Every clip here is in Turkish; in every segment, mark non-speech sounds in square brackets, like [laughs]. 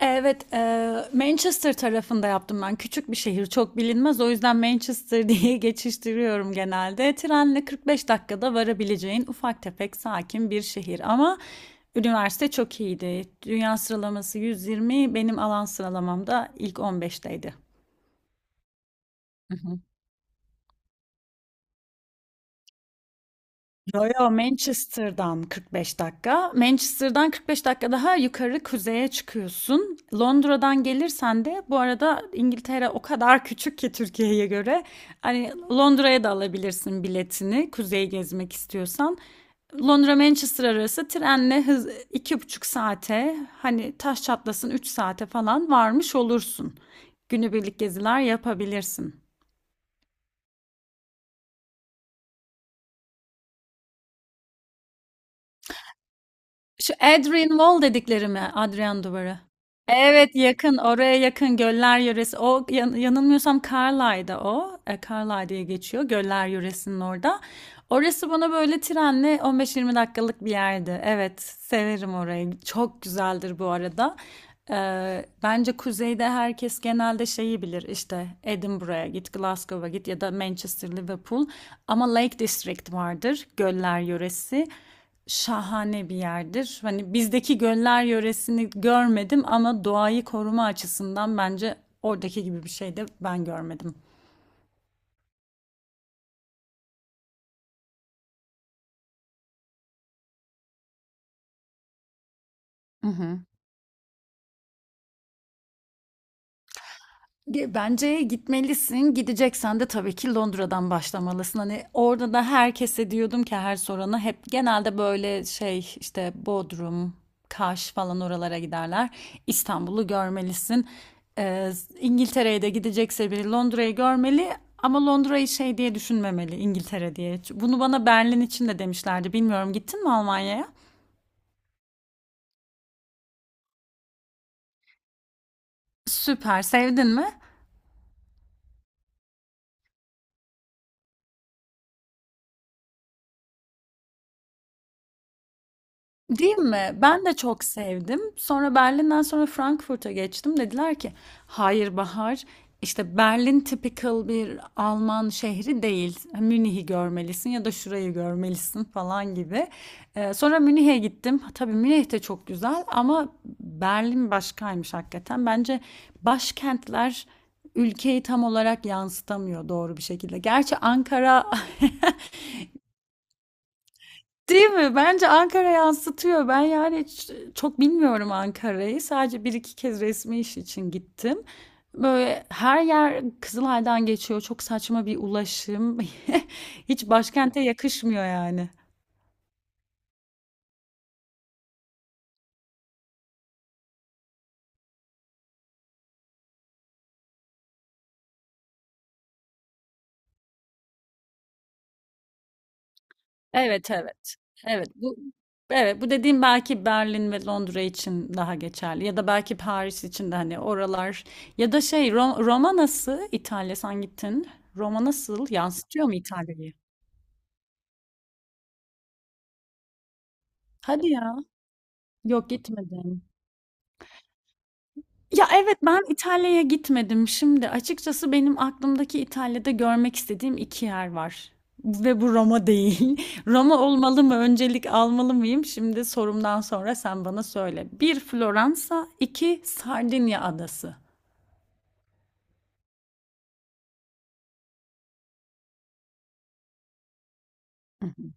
Evet, Manchester tarafında yaptım ben. Küçük bir şehir, çok bilinmez. O yüzden Manchester [laughs] diye geçiştiriyorum genelde. Trenle 45 dakikada varabileceğin ufak tefek sakin bir şehir. Ama üniversite çok iyiydi. Dünya sıralaması 120, benim alan sıralamamda ilk 15'teydi. Yo yo Manchester'dan 45 dakika. Manchester'dan 45 dakika daha yukarı kuzeye çıkıyorsun. Londra'dan gelirsen de bu arada İngiltere o kadar küçük ki Türkiye'ye göre. Hani Londra'ya da alabilirsin biletini kuzeyi gezmek istiyorsan. Londra Manchester arası trenle hız 2,5 saate hani taş çatlasın 3 saate falan varmış olursun. Günübirlik geziler yapabilirsin. Şu Adrian Wall dedikleri mi? Adrian Duvarı. Evet, yakın oraya, yakın Göller Yöresi. O yanılmıyorsam Carlisle'da o. Carlisle diye geçiyor Göller Yöresi'nin orada. Orası bana böyle trenle 15-20 dakikalık bir yerdi. Evet, severim orayı. Çok güzeldir bu arada. Bence kuzeyde herkes genelde şeyi bilir işte Edinburgh'a git, Glasgow'a git ya da Manchester, Liverpool. Ama Lake District vardır, göller yöresi. Şahane bir yerdir. Hani bizdeki göller yöresini görmedim ama doğayı koruma açısından bence oradaki gibi bir şey de ben görmedim. Hı hı. Bence gitmelisin. Gideceksen de tabii ki Londra'dan başlamalısın. Hani orada da herkese diyordum ki her sorana hep genelde böyle şey işte Bodrum, Kaş falan oralara giderler. İstanbul'u görmelisin. Ee, İngiltere'ye de gidecekse biri Londra'yı görmeli ama Londra'yı şey diye düşünmemeli İngiltere diye. Bunu bana Berlin için de demişlerdi. Bilmiyorum, gittin mi Almanya'ya? Süper, sevdin mi? Değil mi? Ben de çok sevdim. Sonra Berlin'den sonra Frankfurt'a geçtim. Dediler ki, hayır Bahar, işte Berlin typical bir Alman şehri değil. Münih'i görmelisin ya da şurayı görmelisin falan gibi. Sonra Münih'e gittim. Tabii Münih de çok güzel ama Berlin başkaymış hakikaten. Bence başkentler ülkeyi tam olarak yansıtamıyor doğru bir şekilde. Gerçi Ankara [laughs] Değil mi? Bence Ankara yansıtıyor. Ben yani çok bilmiyorum Ankara'yı. Sadece bir iki kez resmi iş için gittim. Böyle her yer Kızılay'dan geçiyor. Çok saçma bir ulaşım. [laughs] Hiç başkente yakışmıyor yani. Evet, evet. Evet, bu. Evet, bu dediğim belki Berlin ve Londra için daha geçerli ya da belki Paris için de, hani oralar ya da şey Roma nasıl, İtalya sen gittin. Roma nasıl, yansıtıyor mu İtalya'yı? Hadi ya. Yok, gitmedim. Ya, evet, ben İtalya'ya gitmedim. Şimdi açıkçası benim aklımdaki İtalya'da görmek istediğim 2 yer var ve bu Roma değil. [laughs] Roma olmalı mı, öncelik almalı mıyım? Şimdi sorumdan sonra sen bana söyle. Bir Floransa, 2 Sardinya adası. Hı hı.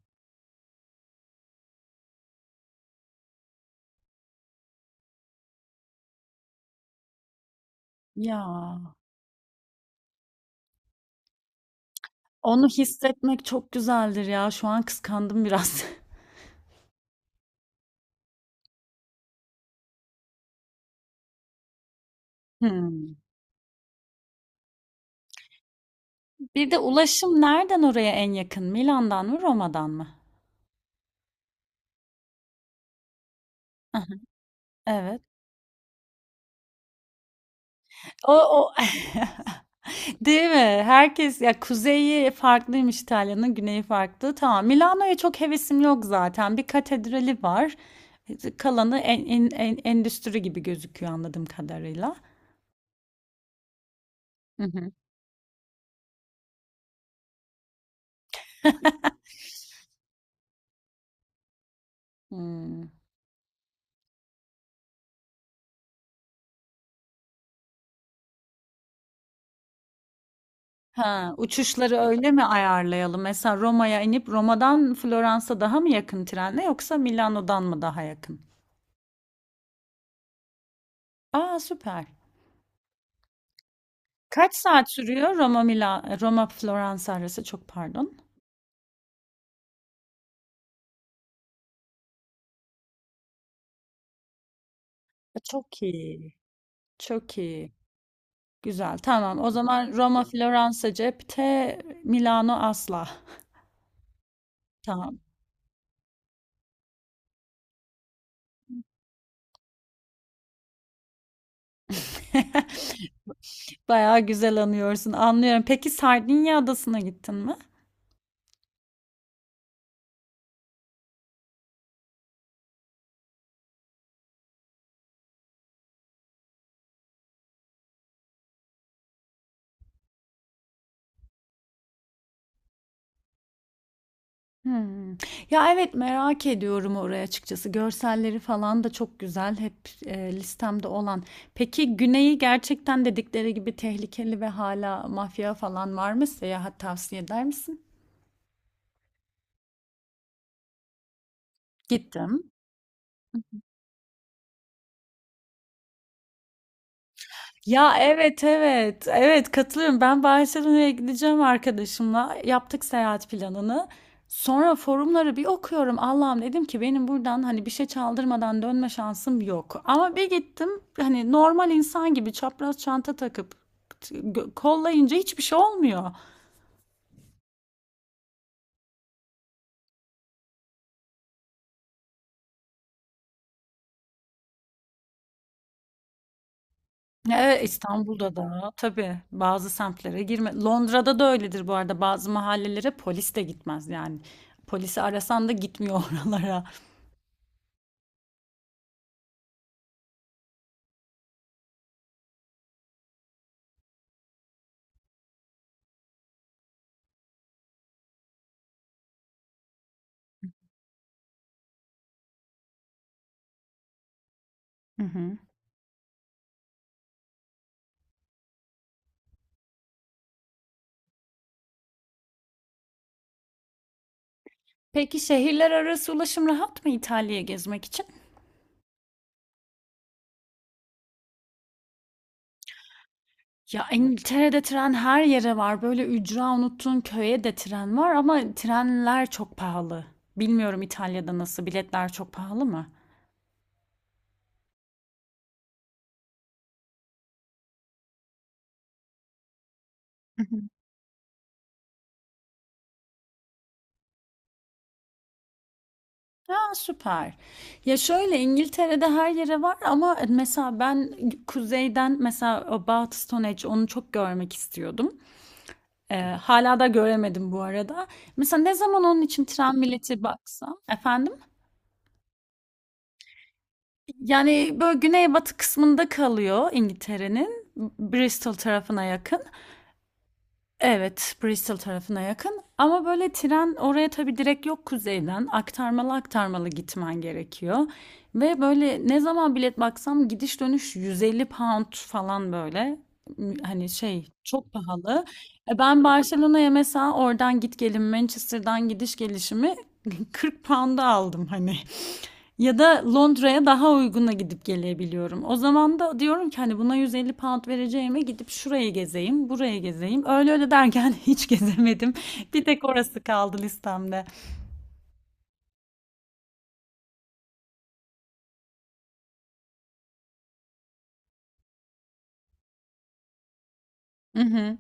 Ya, onu hissetmek çok güzeldir ya. Şu an kıskandım biraz. [laughs] Hımm. Bir de ulaşım nereden oraya en yakın? Milan'dan mı, Roma'dan mı? Hı hı. Evet. O, o. [laughs] Değil mi? Herkes ya kuzeyi farklıymış İtalya'nın, güneyi farklı. Tamam. Milano'ya çok hevesim yok zaten. Bir katedrali var. Kalanı endüstri gibi gözüküyor anladığım kadarıyla. Hı hı. Hmm. Ha, uçuşları öyle mi ayarlayalım? Mesela Roma'ya inip Roma'dan Floransa daha mı yakın trenle yoksa Milano'dan mı daha yakın? Aa, süper. Kaç saat sürüyor Roma Roma Floransa arası? Çok pardon. Çok iyi. Çok iyi. Güzel. Tamam. O zaman Roma, Floransa cepte, Milano asla. Tamam. [laughs] Bayağı güzel anıyorsun. Anlıyorum. Peki Sardinya adasına gittin mi? Hmm. Ya evet, merak ediyorum oraya açıkçası. Görselleri falan da çok güzel. Hep listemde olan. Peki güneyi gerçekten dedikleri gibi tehlikeli ve hala mafya falan var mı? Seyahat tavsiye eder misin? Gittim. Ya evet, evet, evet, katılıyorum. Ben Barcelona'ya gideceğim arkadaşımla. Yaptık seyahat planını. Sonra forumları bir okuyorum. Allah'ım, dedim ki benim buradan hani bir şey çaldırmadan dönme şansım yok. Ama bir gittim hani normal insan gibi çapraz çanta takıp kollayınca hiçbir şey olmuyor. Evet, İstanbul'da da tabii bazı semtlere girme. Londra'da da öyledir bu arada. Bazı mahallelere polis de gitmez yani. Polisi arasan da gitmiyor [laughs] oralara. Hı hı. Peki şehirler arası ulaşım rahat mı İtalya'ya gezmek için? Ya İngiltere'de tren her yere var. Böyle ücra unuttuğun köye de tren var ama trenler çok pahalı. Bilmiyorum İtalya'da nasıl, biletler çok pahalı mı? Hı hı. Ha, süper. Ya şöyle İngiltere'de her yere var ama mesela ben kuzeyden mesela About Stone onu çok görmek istiyordum. Hala da göremedim bu arada. Mesela ne zaman onun için tren bileti baksam efendim? Yani böyle güneybatı kısmında kalıyor İngiltere'nin. Bristol tarafına yakın. Evet, Bristol tarafına yakın. Ama böyle tren oraya tabii direkt yok kuzeyden. Aktarmalı aktarmalı gitmen gerekiyor. Ve böyle ne zaman bilet baksam gidiş dönüş 150 pound falan böyle. Hani şey çok pahalı. E ben Barcelona'ya mesela oradan git gelin Manchester'dan gidiş gelişimi [laughs] 40 pound'a aldım hani. Ya da Londra'ya daha uyguna gidip gelebiliyorum. O zaman da diyorum ki hani buna 150 pound vereceğime gidip şuraya gezeyim, buraya gezeyim. Öyle öyle derken [laughs] hiç gezemedim. Bir tek orası kaldı listemde. Hı hı.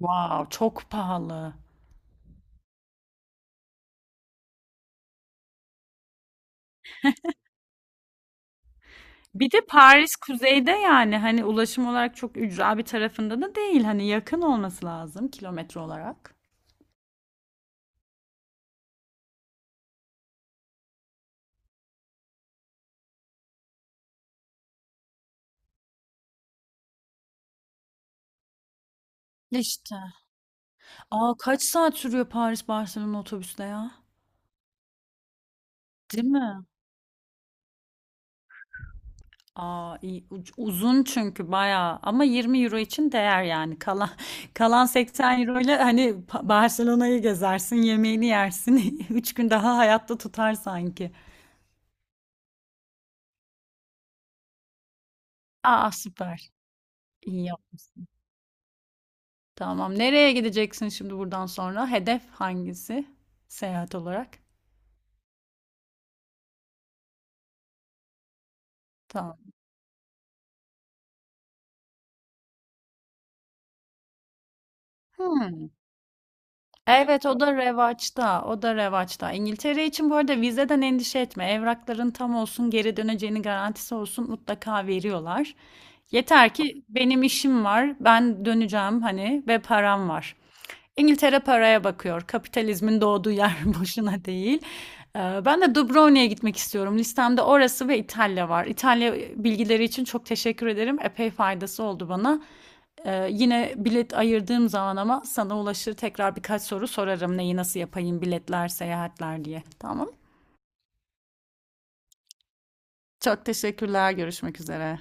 Wow, çok pahalı. Bir de Paris kuzeyde, yani hani ulaşım olarak çok ücra bir tarafında da değil. Hani yakın olması lazım kilometre olarak. İşte. Aa, kaç saat sürüyor Paris Barcelona otobüste ya? Değil mi? Aa, iyi. Uzun çünkü bayağı ama 20 euro için değer yani kalan [laughs] kalan 80 euro ile hani Barcelona'yı gezersin, yemeğini yersin, [laughs] 3 gün daha hayatta tutar sanki. Aa, süper, iyi yapmışsın. Tamam, nereye gideceksin şimdi buradan sonra, hedef hangisi seyahat olarak? Tamam. Hmm. Evet, o da revaçta. O da revaçta. İngiltere için bu arada vizeden endişe etme. Evrakların tam olsun, geri döneceğini garantisi olsun, mutlaka veriyorlar. Yeter ki benim işim var, ben döneceğim hani ve param var. İngiltere paraya bakıyor. Kapitalizmin doğduğu yer [laughs] boşuna değil. Ben de Dubrovnik'e gitmek istiyorum. Listemde orası ve İtalya var. İtalya bilgileri için çok teşekkür ederim. Epey faydası oldu bana. Yine bilet ayırdığım zaman ama sana ulaşır tekrar birkaç soru sorarım. Neyi nasıl yapayım biletler, seyahatler diye. Tamam. Çok teşekkürler. Görüşmek üzere.